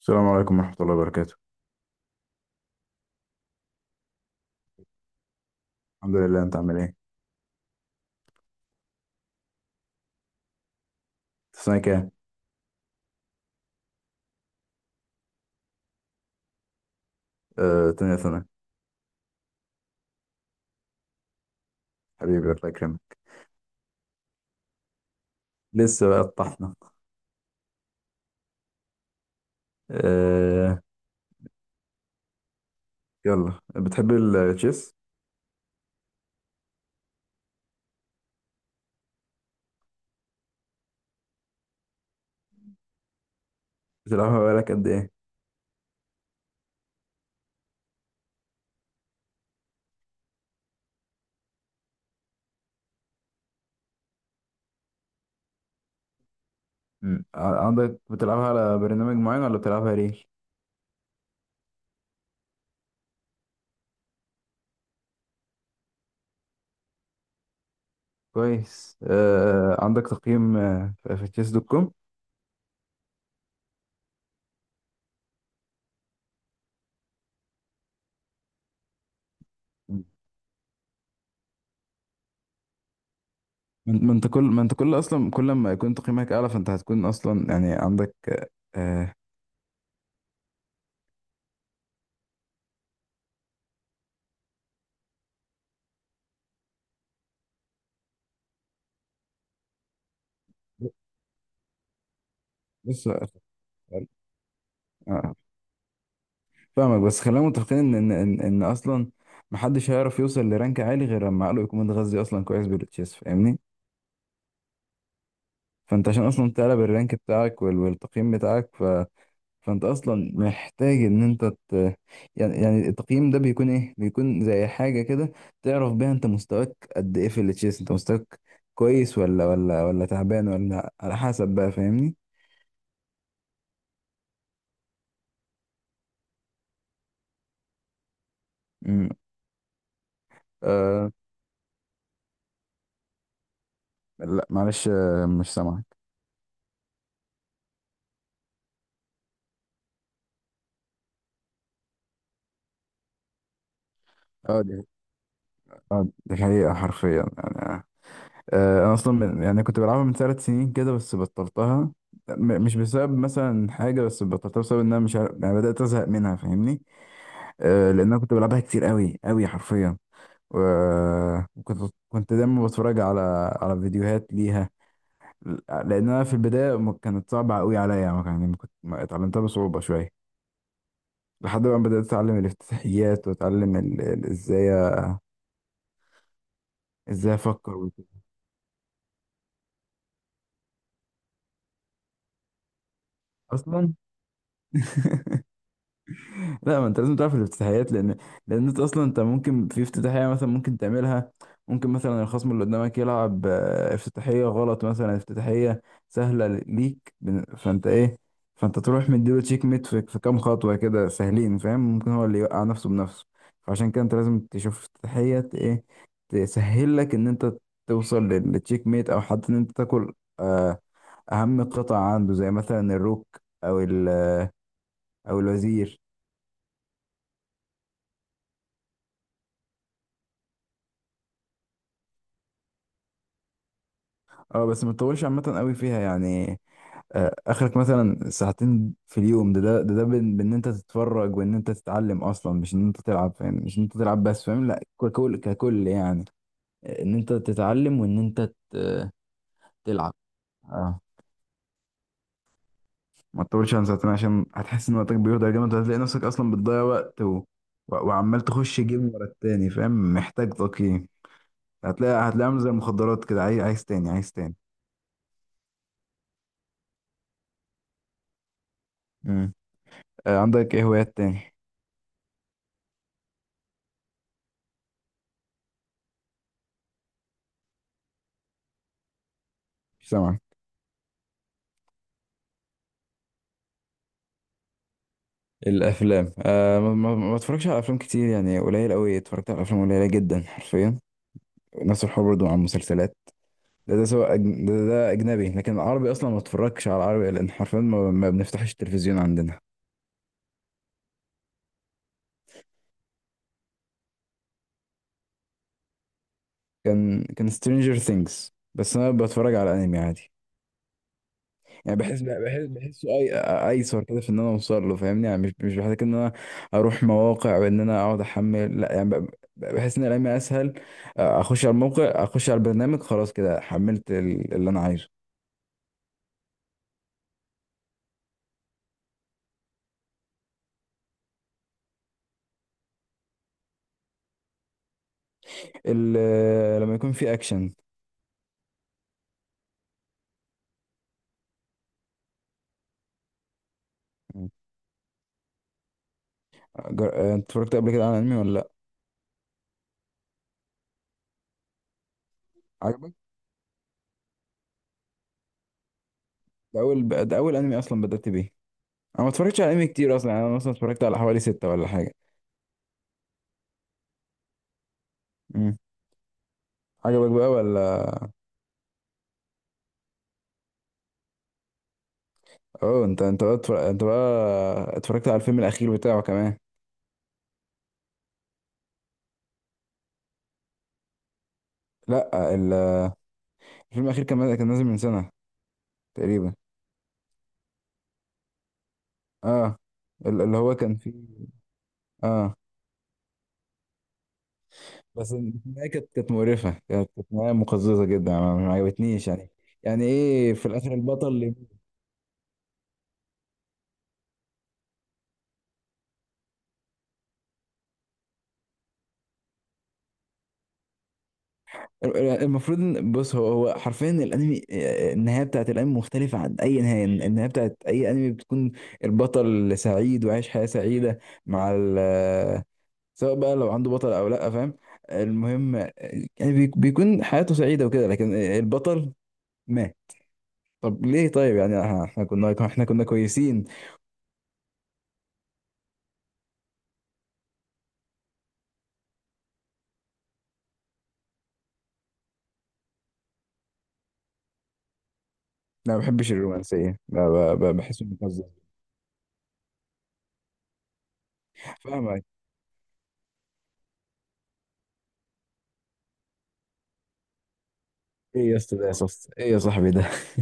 السلام عليكم ورحمة الله وبركاته. الحمد لله، انت عامل ايه؟ في سنة كام؟ تانية سنة. حبيبي، الله يكرمك. لسه بقى الطحنة. آه، يلا، بتحب التشيس؟ بتلعبها بقالك قد ايه؟ عندك بتلعبها على برنامج معين ولا بتلعبها ريل؟ كويس. عندك تقييم في تشيس دوت كوم؟ مم. ما انت كل اصلا كل ما يكون تقييمك اعلى، فانت هتكون اصلا يعني عندك… آه، بص، فاهمك، بس خلينا متفقين إن اصلا محدش هيعرف يوصل لرانك عالي غير لما عقله يكون متغذي اصلا كويس بالتشيس، فاهمني؟ فانت عشان اصلا تعلى بالرانك بتاعك والتقييم بتاعك، ف فانت اصلا محتاج ان انت ت... يعني يعني التقييم ده بيكون ايه، بيكون زي حاجه كده تعرف بيها انت مستواك قد ايه في التشيس. انت مستواك كويس ولا ولا تعبان، ولا على حسب بقى، فاهمني؟ امم، آه. لا معلش، مش سامعك. اه دي اه دي حقيقه حرفيا يعني. انا اصلا من يعني كنت بلعبها من ثلاث سنين كده، بس بطلتها. مش بسبب مثلا حاجه، بس بطلتها بسبب ان انا مش عارف، يعني بدات ازهق منها، فاهمني؟ أه، لان انا كنت بلعبها كتير قوي قوي حرفيا. وكنت دايما بتفرج على فيديوهات ليها، لان انا في البدايه ما كانت صعبه قوي عليا يعني. ما اتعلمتها بصعوبه شويه، لحد ما بدات اتعلم الافتتاحيات واتعلم ازاي افكر وكده اصلا. لا، ما انت لازم تعرف الافتتاحيات، لان انت اصلا، انت ممكن في افتتاحيه مثلا ممكن تعملها، ممكن مثلا الخصم اللي قدامك يلعب افتتاحيه غلط، مثلا افتتاحيه سهله ليك. فانت ايه، فانت تروح مديله تشيك ميت في كام خطوه كده سهلين، فاهم؟ ممكن هو اللي يوقع نفسه بنفسه. فعشان كده انت لازم تشوف افتتاحيه ايه، تسهل لك ان انت توصل للتشيك ميت، او حتى ان انت تاكل آه، اهم قطع عنده، زي مثلا الروك، او ال- آه، او الوزير. اه، بس ما تطولش عامة قوي فيها يعني. اخرك مثلا ساعتين في اليوم، ده بان بإن انت تتفرج وان انت تتعلم اصلا، مش ان انت تلعب، فاهم؟ مش ان انت تلعب بس، فاهم؟ لا ككل، يعني. ان انت تتعلم وان انت ت- تلعب. اه، ما تطولش عن ساعتين، عشان هتحس ان وقتك بيهدر جامد، وهتلاقي نفسك اصلا بتضيع وقت و... و... وعمال تخش جيم ورا التاني، فاهم؟ محتاج تقييم. هتلاقي عامل زي المخدرات كده، عايز، عايز تاني، عايز تاني. مم. عندك ايه هوايات تاني؟ مش سامعك. الافلام؟ آه، ما بتفرجش على افلام كتير يعني، قليل قوي اتفرجت على افلام، قليله جدا حرفيا. نفس الحوار برضه مع المسلسلات. ده سواء أجن... ده اجنبي، لكن العربي اصلا ما اتفرجش على العربي، لان حرفيا ما بنفتحش التلفزيون عندنا. كان سترينجر ثينجز، بس انا بتفرج على انمي عادي، يعني بحس بحسه اي، ايسر كده في ان انا اوصل له، فاهمني؟ يعني مش بحتاج ان انا اروح مواقع وان انا اقعد احمل، لا يعني بحس ان الايام اسهل، اخش على الموقع، اخش على البرنامج، خلاص كده حملت اللي انا عايزه. لما يكون في اكشن. انت اتفرجت قبل كده على انمي ولا لا؟ عجبك؟ ده اول، ده اول انمي اصلا بدأت بيه. انا ما اتفرجتش على انمي كتير اصلا، يعني انا مثلا اتفرجت على حوالي ستة ولا حاجة. مم. عجبك بقى ولا؟ اه، انت بقى انت بقى اتفرجت على الفيلم الاخير بتاعه كمان؟ لا، الفيلم الاخير كان نازل من سنه تقريبا. اه، اللي هو كان فيه. اه، بس النهايه كانت مقرفه، كانت نهايه مقززه جدا، ما عجبتنيش يعني. يعني ايه في الاخر البطل اللي… بص، هو حرفيا الانمي، النهايه بتاعت الانمي مختلفه عن اي نهايه. النهايه بتاعت اي انمي بتكون البطل سعيد وعايش حياه سعيده مع ال… سواء بقى لو عنده بطل او لا، فاهم؟ المهم يعني بيكون حياته سعيده وكده، لكن البطل مات. طب ليه؟ طيب يعني ها، احنا كنا كويسين. انا ما بحبش الرومانسيه، بحس انه مقزز. فاهمك. ايه يا اسطى ده، يا صف ايه يا صاحبي ده؟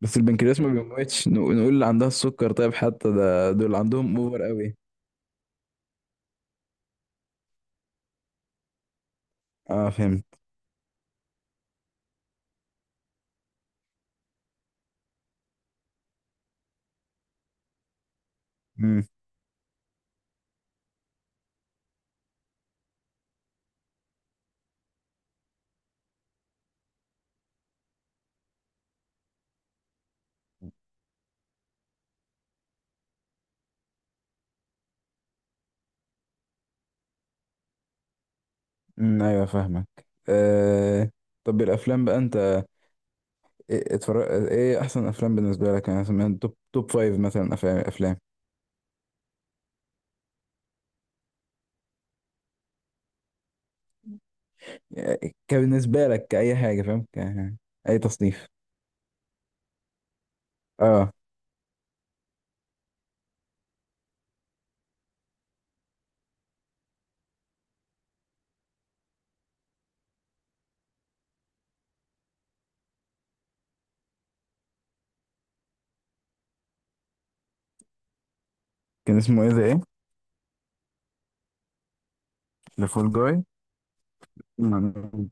بس البنكرياس ما بيموتش. نقول اللي عندها السكر طيب، حتى ده دول عندهم اوفر قوي. اه، فهمت. امم. أمم، ايوه فاهمك. آه… طب الافلام بقى انت ايه اتفرج، ايه احسن افلام بالنسبه لك؟ يعني مثلا توب فايف مثلا. افلام يعني كبالنسبه لك كاي حاجه، فاهم؟ ك... اي تصنيف. اه. كان اسمه ايه ده ايه؟ ذا فول جاي. تمام.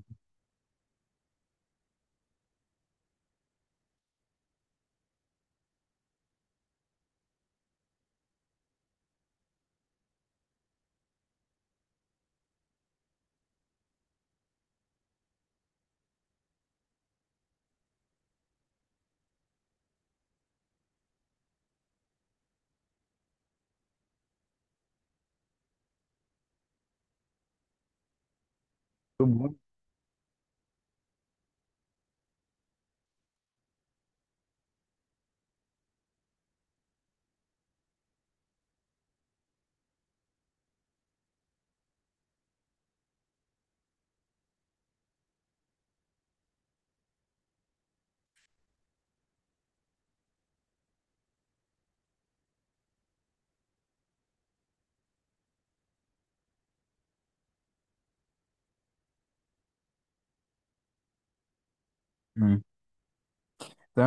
توب 1. تمام.